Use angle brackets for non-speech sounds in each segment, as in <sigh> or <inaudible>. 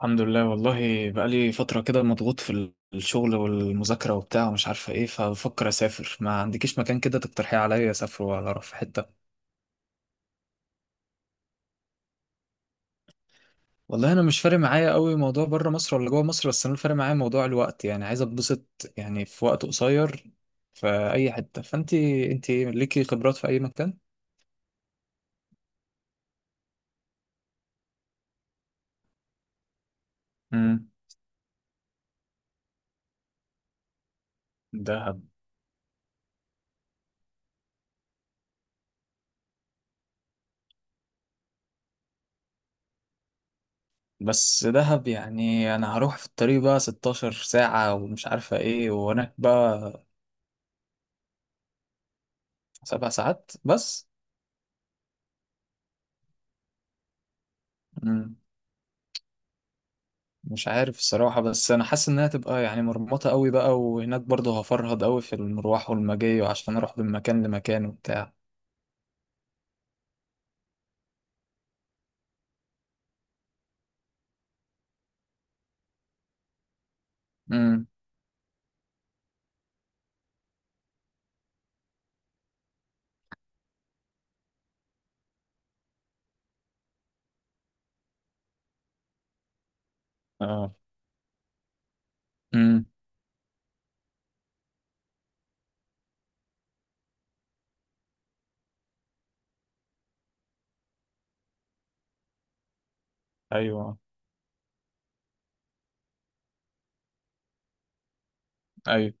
الحمد لله. والله بقالي فترة كده مضغوط في الشغل والمذاكرة وبتاع ومش عارفة ايه، فبفكر اسافر. ما عندكيش مكان كده تقترحيه عليا، اسافر ولا اروح في حتة؟ والله انا مش فارق معايا قوي موضوع بره مصر ولا جوه مصر، بس انا اللي فارق معايا موضوع الوقت، يعني عايز اتبسط يعني في وقت قصير في اي حتة. فانتي انتي ليكي خبرات في اي مكان. امم دهب. بس دهب يعني انا هروح في الطريق بقى 16 ساعة ومش عارفة ايه وهناك بقى. 7 ساعات بس؟ مش عارف الصراحة، بس أنا حاسس إنها تبقى يعني مرمطة قوي بقى، وهناك برضه هفرهد قوي في المروح والمجاي وعشان أروح من مكان لمكان وبتاع. امم اه امم أيوه. أيوه،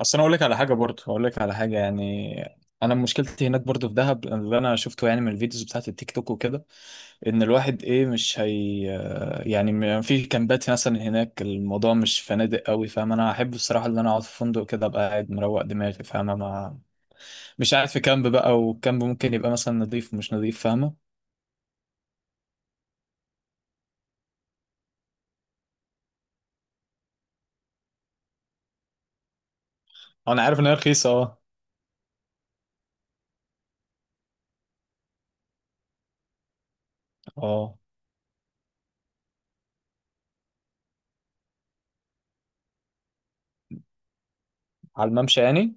أصل أنا أقول لك على حاجة، برضه أقول لك على حاجة يعني. أنا مشكلتي هناك برضه في دهب، اللي أنا شفته يعني من الفيديوز بتاعت التيك توك وكده، إن الواحد إيه مش هي آه، يعني في كامبات مثلا هناك الموضوع مش فنادق قوي فاهم. أنا أحب الصراحة إن أنا أقعد في فندق كده، أبقى قاعد مروق دماغي فاهم، مش قاعد في كامب بقى، والكامب ممكن يبقى مثلا نظيف ومش نظيف فاهمة. أه، انا عارف ان هي رخيصة اه. اه، على الممشى يعني.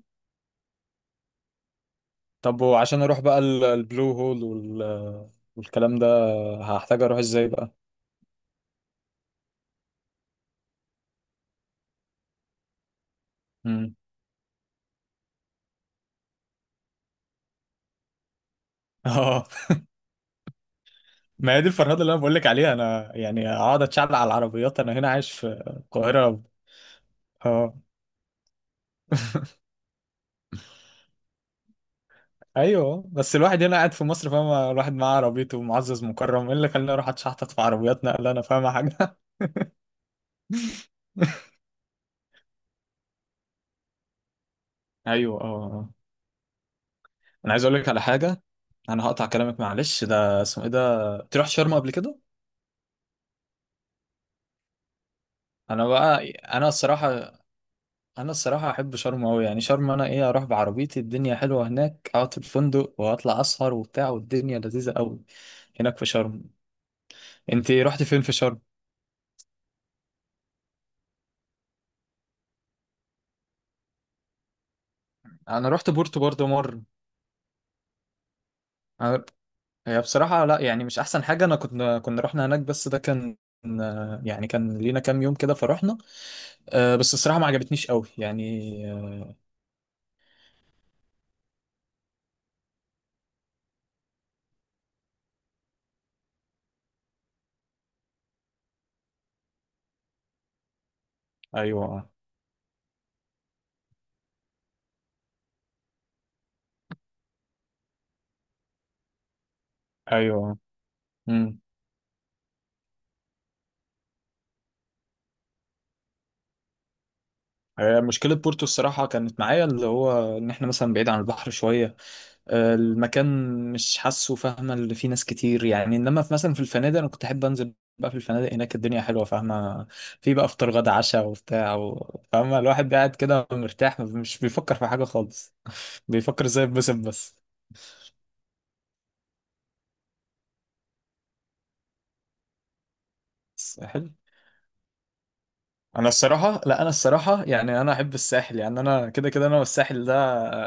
طب وعشان اروح بقى البلو هول والكلام ده، هحتاج اروح ازاي بقى؟ مم. <laughs> اه. ما هي دي الفرهدة اللي انا بقول لك عليها. انا يعني اقعد اتشعل على العربيات؟ انا هنا عايش في القاهرة. اه. <laughs> ايوه، بس الواحد هنا قاعد في مصر فاهمة، الواحد معاه عربيته معزز مكرم، ايه اللي خلاني اروح اتشحطط في عربيات نقل، انا فاهمة حاجة؟ <laughs> ايوه. اه، انا عايز اقول لك على حاجه، انا هقطع كلامك معلش، ده اسمه ايه، ده تروح شرم قبل كده؟ انا بقى انا الصراحه انا الصراحه احب شرم قوي، يعني شرم انا ايه، اروح بعربيتي، الدنيا حلوه هناك، اقعد في الفندق واطلع اسهر وبتاع، والدنيا لذيذه قوي هناك في شرم. انت رحت فين في شرم؟ انا رحت بورتو برضه مره. أنا... هي بصراحه لا، يعني مش احسن حاجه. انا كنا رحنا هناك، بس ده كان يعني كان لينا كام يوم كده فرحنا. أه، بس الصراحه ما عجبتنيش قوي يعني. آه، ايوه. ايوه. مم. آه، مشكلة بورتو الصراحة كانت معايا اللي هو إن إحنا مثلا بعيد عن البحر شوية. آه، المكان مش حاسه فاهمة اللي فيه ناس كتير يعني، إنما في مثلا في الفنادق أنا كنت أحب أنزل بقى في الفنادق، هناك الدنيا حلوة فاهمة. في بقى فطار غدا عشاء وبتاع فاهمة الواحد قاعد كده مرتاح مش بيفكر في حاجة خالص، بيفكر إزاي يتبسط بس. حلو. انا الصراحه لا انا الصراحه يعني انا احب الساحل، يعني انا كده كده انا والساحل ده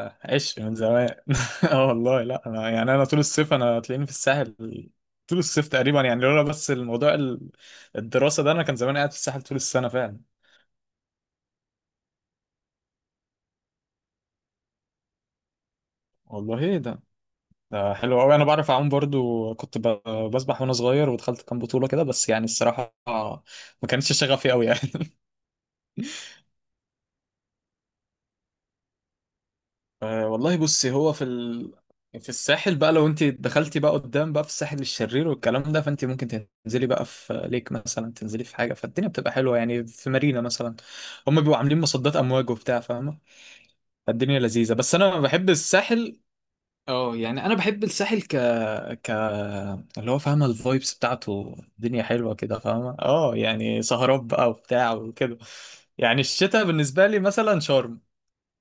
آه، عشق من زمان. <laughs> اه والله، لا انا يعني انا طول الصيف انا تلاقيني في الساحل، طول الصيف تقريبا يعني، لولا بس الموضوع الدراسه ده، انا كان زمان قاعد في الساحل طول السنه فعلا. والله ايه ده، ده حلو قوي. انا بعرف اعوم برضو، كنت بسبح وانا صغير، ودخلت كام بطوله كده، بس يعني الصراحه ما كانتش شغفي قوي يعني. <laughs> أه والله بصي، في الساحل بقى، لو انت دخلتي بقى قدام بقى في الساحل الشرير والكلام ده، فانت ممكن تنزلي بقى في ليك مثلا، تنزلي في حاجه، فالدنيا بتبقى حلوه، يعني في مارينا مثلا، هم بيبقوا عاملين مصدات امواج وبتاع فاهمه، فالدنيا لذيذه، بس انا بحب الساحل. اه يعني انا بحب الساحل ك ك اللي هو فاهمه، الفايبس بتاعته، الدنيا حلوه كده فاهمه، اه يعني سهرات بقى وبتاع وكده. يعني الشتاء بالنسبه لي مثلا شرم.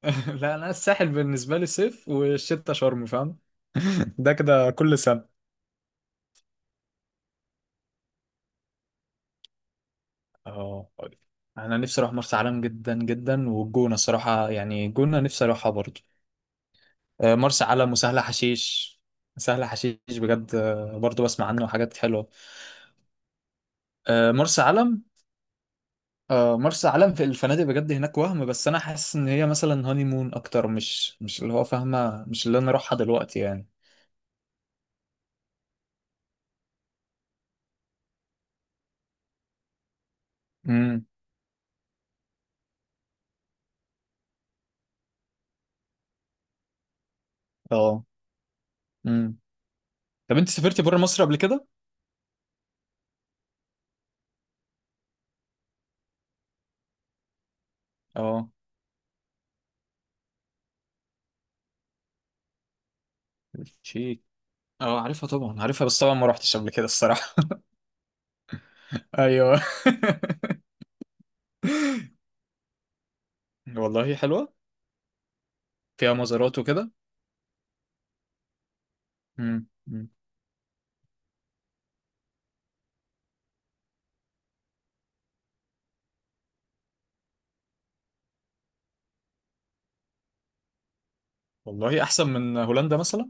<laughs> لا، انا الساحل بالنسبه لي صيف، والشتا شرم فاهم. <laughs> ده كده كل سنه. اه طيب. انا نفسي اروح مرسى علم جدا جدا، والجونه الصراحه، يعني الجونه نفسي اروحها برضه. آه، مرسى علم وسهل حشيش. سهل حشيش بجد آه، برضه بسمع عنه حاجات حلوه. آه، مرسى علم. آه، مرسى علم في الفنادق بجد هناك وهم، بس انا حاسس ان هي مثلا هاني مون اكتر، مش اللي هو فاهمه، مش اللي انا اروحها دلوقتي يعني. امم اه امم طب انت سافرتي بره مصر قبل كده؟ اه. شيك. اه عارفها طبعا، عارفها بس طبعا ما روحتش قبل كده الصراحة. <laughs> ايوه. <laughs> والله حلوة. فيها مزارات وكده. مم. مم. والله احسن من هولندا مثلا.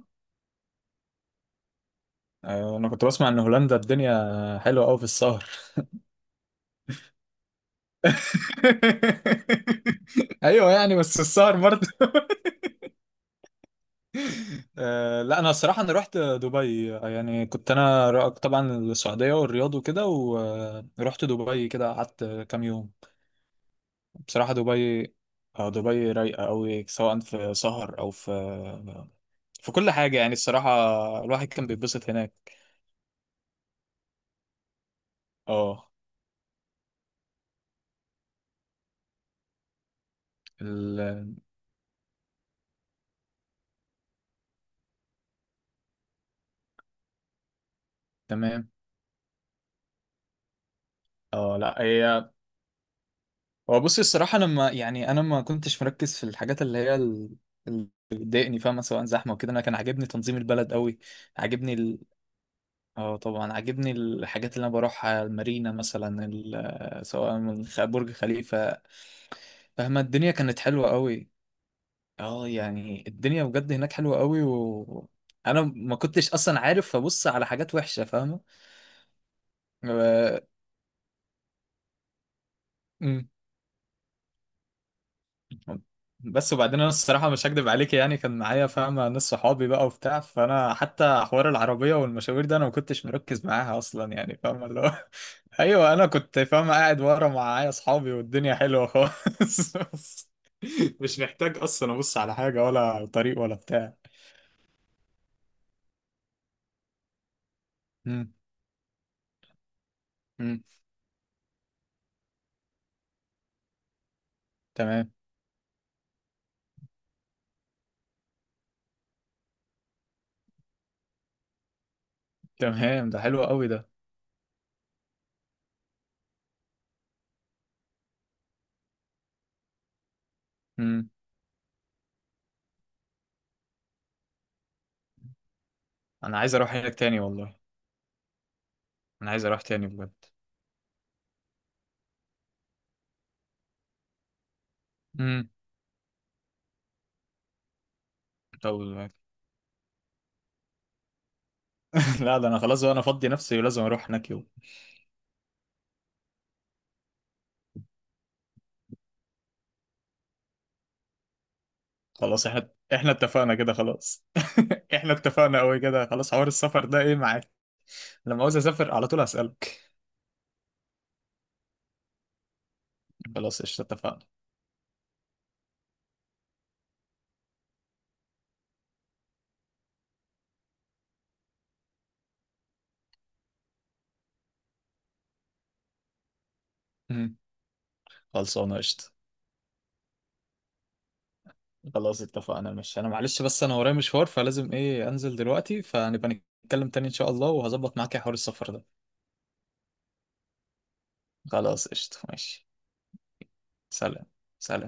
آه، انا كنت بسمع ان هولندا الدنيا حلوة قوي في السهر. <laughs> ايوه، يعني بس السهر برضه. <laughs> آه، لا، انا الصراحه انا رحت دبي. آه، يعني كنت انا طبعا السعوديه والرياض وكده، ورحت دبي كده قعدت كام يوم. بصراحة دبي، آه، دبي رايقة أوي، سواء في سهر أو في في كل حاجة يعني الصراحة، الواحد كان بيتبسط هناك. اه ال... تمام. اه لا هي، هو بصي الصراحة، أنا ما يعني أنا ما كنتش مركز في الحاجات اللي هي اللي بتضايقني فاهمة، سواء زحمة وكده. أنا كان عاجبني تنظيم البلد أوي، عاجبني اه طبعا عاجبني الحاجات اللي أنا بروحها، المارينا مثلا سواء من برج خليفة، فاهمة الدنيا كانت حلوة أوي. اه يعني الدنيا بجد هناك حلوة قوي، و انا ما كنتش اصلا عارف، فبص على حاجات وحشة فاهمة. و- مم. بس وبعدين انا الصراحة مش هكدب عليك، يعني كان معايا فاهمة ناس، صحابي بقى وبتاع، فانا حتى حوار العربية والمشاوير ده انا ما كنتش مركز معاها اصلا يعني فاهمة اللي هو <laughs> ايوه، انا كنت فاهمة قاعد ورا معايا اصحابي، والدنيا حلوة خالص. <laughs> بس مش محتاج اصلا ابص على حاجة ولا طريق ولا بتاع. مم. مم. تمام. تمام، ده حلو قوي. ده انا عايز اروح هناك تاني والله. انا عايز اروح تاني بجد. امم. طب. <laughs> لا، ده انا خلاص بقى انا فضي نفسي، ولازم اروح هناك يوم. خلاص احنا اتفقنا كده خلاص. <laughs> احنا اتفقنا قوي كده خلاص، حوار السفر ده ايه معاك، لما عاوز اسافر على طول اسالك. خلاص قشطه اتفقنا. امم. خلصانه قشطه. خلاص اتفقنا، مش انا معلش، بس انا ورايا مشوار، فلازم ايه انزل دلوقتي، فنبقى نتكلم تاني ان شاء الله، وهظبط معاك يا حوار السفر ده. خلاص قشطه ماشي. سلام. سلام.